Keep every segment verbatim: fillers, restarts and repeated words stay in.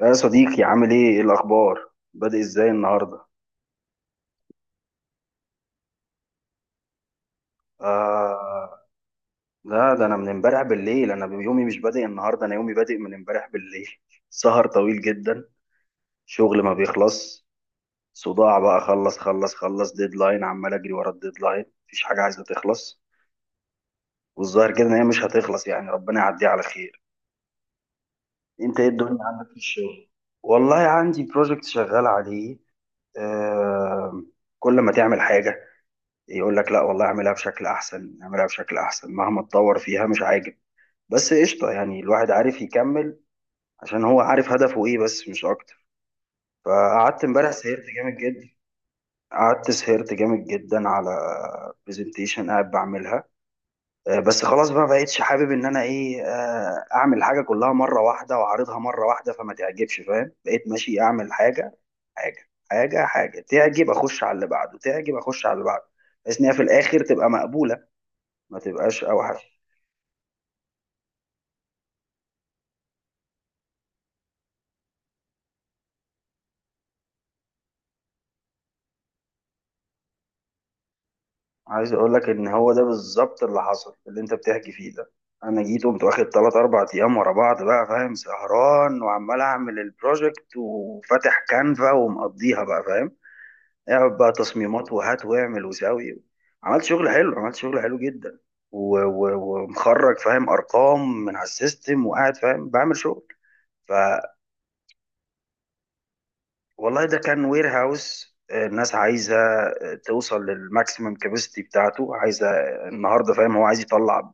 يا صديقي، عامل ايه؟ ايه الاخبار؟ بادئ ازاي النهارده؟ آه، لا ده انا من امبارح بالليل. انا يومي مش بادئ النهارده، انا يومي بادئ من امبارح بالليل. سهر طويل جدا. شغل ما بيخلص. صداع بقى. خلص خلص خلص ديدلاين، عمال اجري ورا الديدلاين، مفيش حاجه عايزه تخلص. والظاهر كده ان هي مش هتخلص، يعني ربنا يعديها على خير. انت ايه الدنيا عندك في الشغل؟ والله عندي بروجكت شغال عليه، آه. كل ما تعمل حاجه يقول لك لا والله اعملها بشكل احسن، اعملها بشكل احسن. مهما اتطور فيها مش عاجب. بس قشطه، يعني الواحد عارف يكمل، عشان هو عارف هدفه ايه، بس مش اكتر. فقعدت امبارح سهرت جامد جدا. قعدت سهرت جامد جدا على برزنتيشن قاعد بعملها. آه، بس خلاص بقى بقيتش حابب ان انا ايه، آه، اعمل حاجه كلها مره واحده واعرضها مره واحده فما تعجبش، فاهم؟ بقيت ماشي اعمل حاجه حاجه حاجه، حاجه تعجب اخش على اللي بعده، تعجب اخش على اللي بعده، بحيث ان هي في الاخر تبقى مقبوله، ما تبقاش اوحش. عايز اقول لك ان هو ده بالظبط اللي حصل، اللي انت بتحكي فيه ده. انا جيت قمت واخد ثلاثة 4 ايام ورا بعض، بقى فاهم، سهران وعمال اعمل البروجكت وفاتح كانفا ومقضيها، بقى فاهم، اقعد بقى تصميمات وهات واعمل وساوي. عملت شغل حلو، عملت شغل حلو جدا. و- و- ومخرج فاهم ارقام من على السيستم وقاعد فاهم بعمل شغل. والله ده كان وير هاوس، الناس عايزه آه، توصل للماكسيمم كاباسيتي بتاعته. عايزه النهارده، فاهم، هو عايز يطلع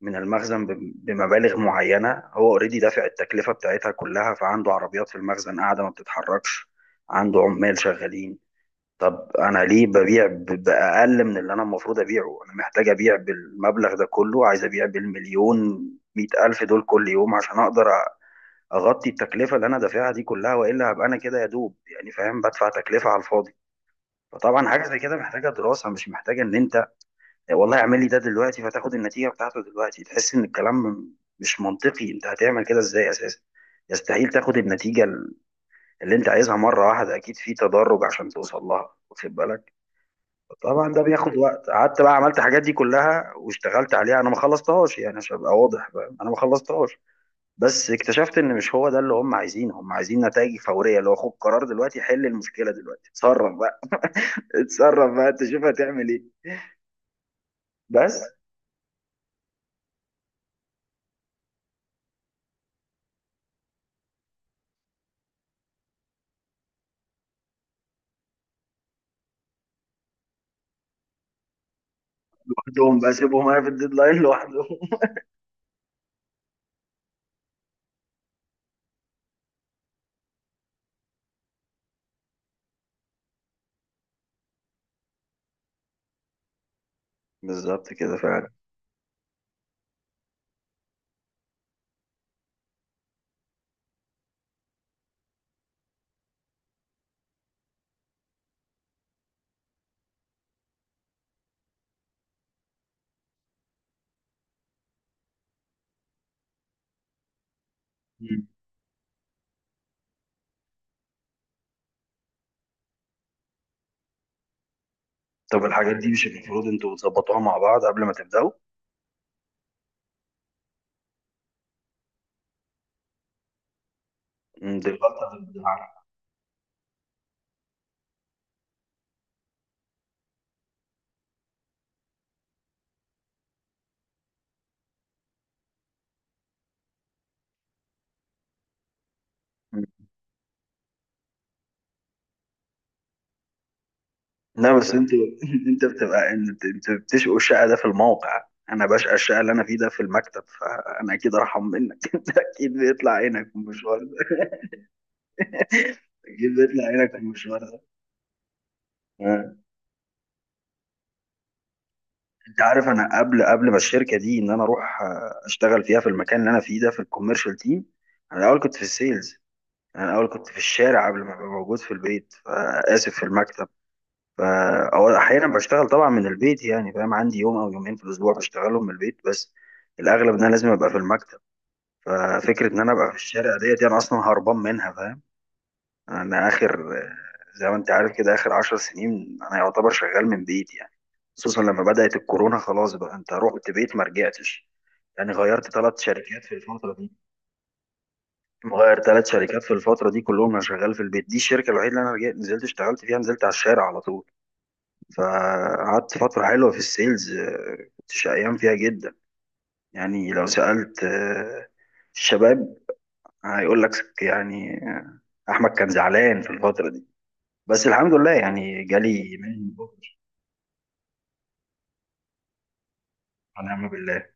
من المخزن بم- بمبالغ معينه. هو اوريدي دافع التكلفه بتاعتها كلها، فعنده عربيات في المخزن قاعده ما بتتحركش، عنده عمال شغالين. طب انا ليه ببيع ب- باقل من اللي انا المفروض ابيعه؟ انا محتاج ابيع بالمبلغ ده كله. عايز ابيع بالمليون، مئة ألف دول كل يوم، عشان أقدر اغطي التكلفه اللي انا دافعها دي كلها، والا هبقى انا كده يا دوب، يعني فاهم، بدفع تكلفه على الفاضي. فطبعا حاجه زي كده محتاجه دراسه، مش محتاجه ان انت والله اعمل لي ده دلوقتي فتاخد النتيجه بتاعته دلوقتي. تحس ان الكلام مش منطقي. انت هتعمل كده ازاي اساسا؟ يستحيل تاخد النتيجه اللي انت عايزها مره واحده. اكيد في تدرج عشان توصل لها، واخد بالك؟ طبعا ده بياخد وقت. قعدت بقى عملت الحاجات دي كلها واشتغلت عليها. انا ما خلصتهاش يعني، عشان ابقى واضح بقى، انا ما خلصتهاش. بس اكتشفت ان مش هو ده اللي هم عايزينه. هم عايزين نتائج فوريه، اللي هو خد قرار دلوقتي، حل المشكله دلوقتي، اتصرف بقى، اتصرف بقى، انت شوف هتعمل ايه. بس لوحدهم بقى، سيبهم انا في الديدلاين لوحدهم. بالظبط كده فعلا. مم. طب الحاجات دي مش المفروض انتوا بتظبطوها مع بعض قبل ما تبداوا؟ مم، دي الغلطه اللي بتزعلها. مم. لا بس انتوا انت بتبقى انت، انت بتشقوا الشقه ده في الموقع، انا بشقى الشقه اللي انا فيه ده في المكتب، فانا اكيد ارحم منك. انت اكيد بيطلع عينك في المشوار ده. اكيد بيطلع عينك في المشوار ده. آه. انت عارف انا قبل قبل ما الشركه دي ان انا اروح آه، اشتغل فيها في المكان اللي انا فيه ده في الكوميرشال تيم، انا الاول كنت في السيلز. انا الاول كنت في الشارع قبل ما ابقى موجود في البيت، آه، اسف، في المكتب. فا- او احيانا بشتغل طبعا من البيت، يعني فاهم، عندي يوم او يومين في الاسبوع بشتغلهم من البيت، بس الاغلب ان انا لازم ابقى في المكتب. ففكره ان انا ابقى في الشارع ديت دي انا اصلا هربان منها، فاهم. انا اخر، زي ما انت عارف كده، اخر عشر سنين انا يعتبر شغال من بيت يعني. خصوصا لما بدأت الكورونا خلاص بقى انت رحت بيت ما رجعتش، يعني غيرت ثلاث شركات في الفترة دي. مغير ثلاث شركات في الفترة دي كلهم انا شغال في البيت، دي الشركة الوحيدة اللي انا رجعت نزلت اشتغلت فيها، نزلت على الشارع على طول. فقعدت فترة حلوة في السيلز، آه، كنت شقيان فيها جدا، يعني لو سألت آه، الشباب هيقول لك يعني آه، احمد كان زعلان في الفترة دي، بس الحمد لله يعني جالي من بكر. ونعم بالله.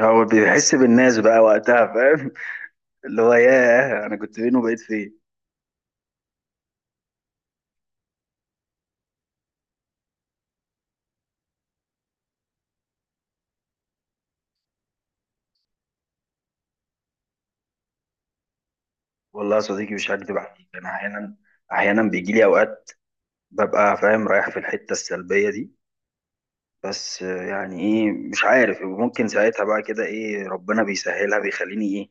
هو بيحس بالناس بقى وقتها، فاهم، اللي هو ياه انا كنت فين وبقيت فين. والله يا صديقي مش هكدب عليك، انا احيانا، احيانا بيجي لي اوقات ببقى فاهم رايح في الحته السلبيه دي، بس آه، يعني ايه، مش عارف، ممكن ساعتها بقى كده ايه ربنا بيسهلها بيخليني ايه،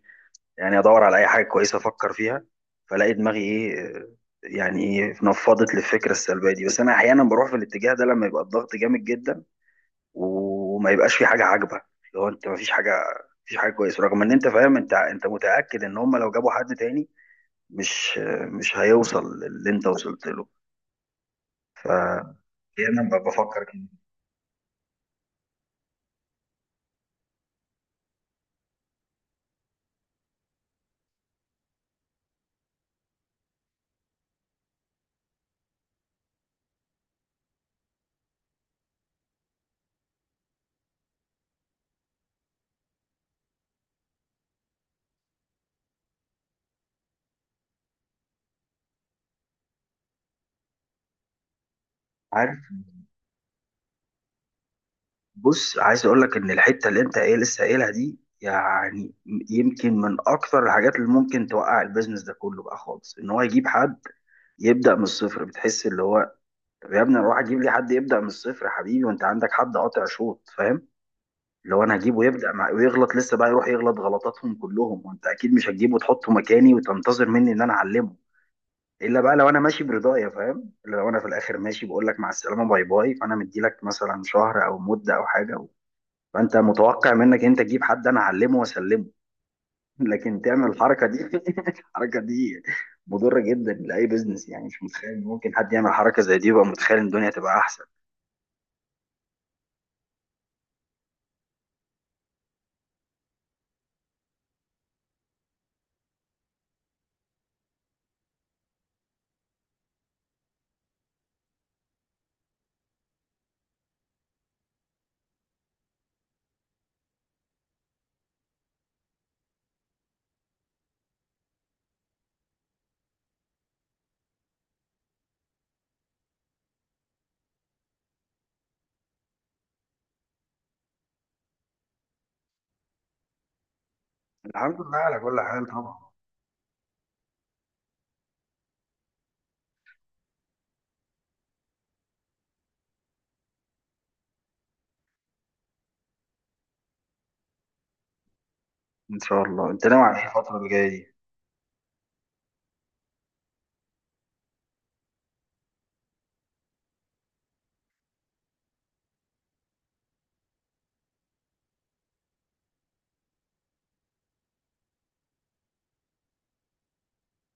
يعني ادور على اي حاجه كويسه افكر فيها فلاقي دماغي ايه آه، يعني ايه نفضت للفكره السلبيه دي. بس انا احيانا بروح في الاتجاه ده لما يبقى الضغط جامد جدا وما يبقاش في حاجه عاجبه، اللي هو انت ما فيش حاجه، مفيش حاجه كويسه، رغم ان انت فاهم انت، انت متاكد ان هم لو جابوا حد تاني مش مش هيوصل للي انت وصلت له. يعني انا ب- بفكر كده. عارف، بص عايز اقول لك ان الحته اللي انت ايه لسه قايلها دي، يعني يمكن من اكتر الحاجات اللي ممكن توقع البيزنس ده كله بقى خالص، ان هو يجيب حد يبدا من الصفر. بتحس اللي هو طب يا ابني روح اجيب لي حد يبدا من الصفر يا حبيبي وانت عندك حد قاطع شوط، فاهم. لو انا هجيبه يبدا مع ويغلط لسه بقى يروح يغلط غلطاتهم كلهم، وانت اكيد مش هتجيبه وتحطه مكاني وتنتظر مني ان انا اعلمه، الا بقى لو انا ماشي برضايا فاهم، إلا لو انا في الاخر ماشي بقول لك مع السلامه باي باي، فانا مدي لك مثلا شهر او مده او حاجه و... فانت متوقع منك انت تجيب حد انا اعلمه واسلمه. لكن تعمل الحركه دي، الحركه دي مضره جدا لاي بزنس. يعني مش متخيل إن ممكن حد يعمل حركه زي دي ويبقى متخيل ان الدنيا تبقى احسن. الحمد لله على كل حال طبعا. ان شاء الله. انت ناوي على ايه الفتره اللي جايه دي؟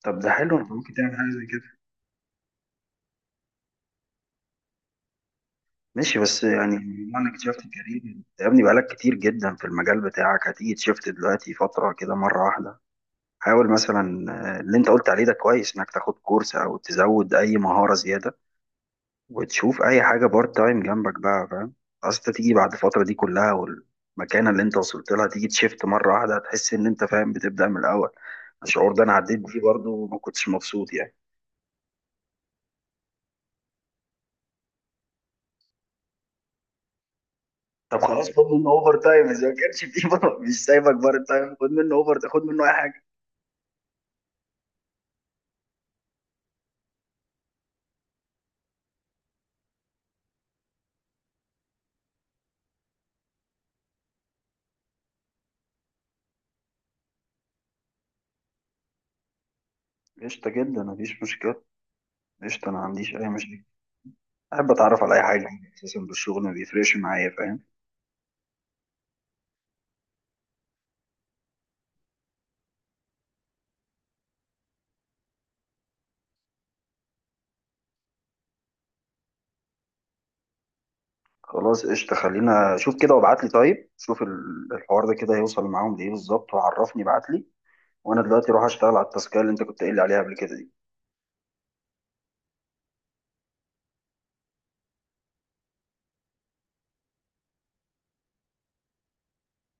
طب ده حلو، انت ممكن تعمل حاجه زي كده. ماشي، بس يعني بما انك شفت كارير، يا ابني بقالك كتير جدا في المجال بتاعك، هتيجي تشفت دلوقتي فتره كده مره واحده؟ حاول مثلا، آه، اللي انت قلت عليه ده كويس، انك تاخد كورس او تزود اي مهاره زياده، وتشوف اي حاجه بارت تايم جنبك بقى، فاهم. اصل انت تيجي بعد الفتره دي كلها والمكانه اللي انت وصلت لها تيجي تشفت مره واحده، هتحس ان انت فاهم بتبدا من الاول. الشعور ده انا عديت بيه برضه وما كنتش مبسوط يعني. طب خلاص خد منه اوفر تايم، اذا ما كانش فيه بقى، مش سايبك بره تايم خد منه اوفر، خد منه اي حاجه. قشطه جدا، مفيش مشكله. قشطه، انا ما عنديش اي مشكله، احب اتعرف على اي حاجه. اساسا بالشغل ما بيفرقش معايا، فاهم. خلاص قشطه، خلينا شوف كده وابعت لي، طيب؟ شوف ال- الحوار ده كده هيوصل معاهم لايه بالظبط، وعرفني ابعت لي. وانا دلوقتي اروح اشتغل على التاسكيه اللي انت كنت قايل لي عليها قبل كده دي.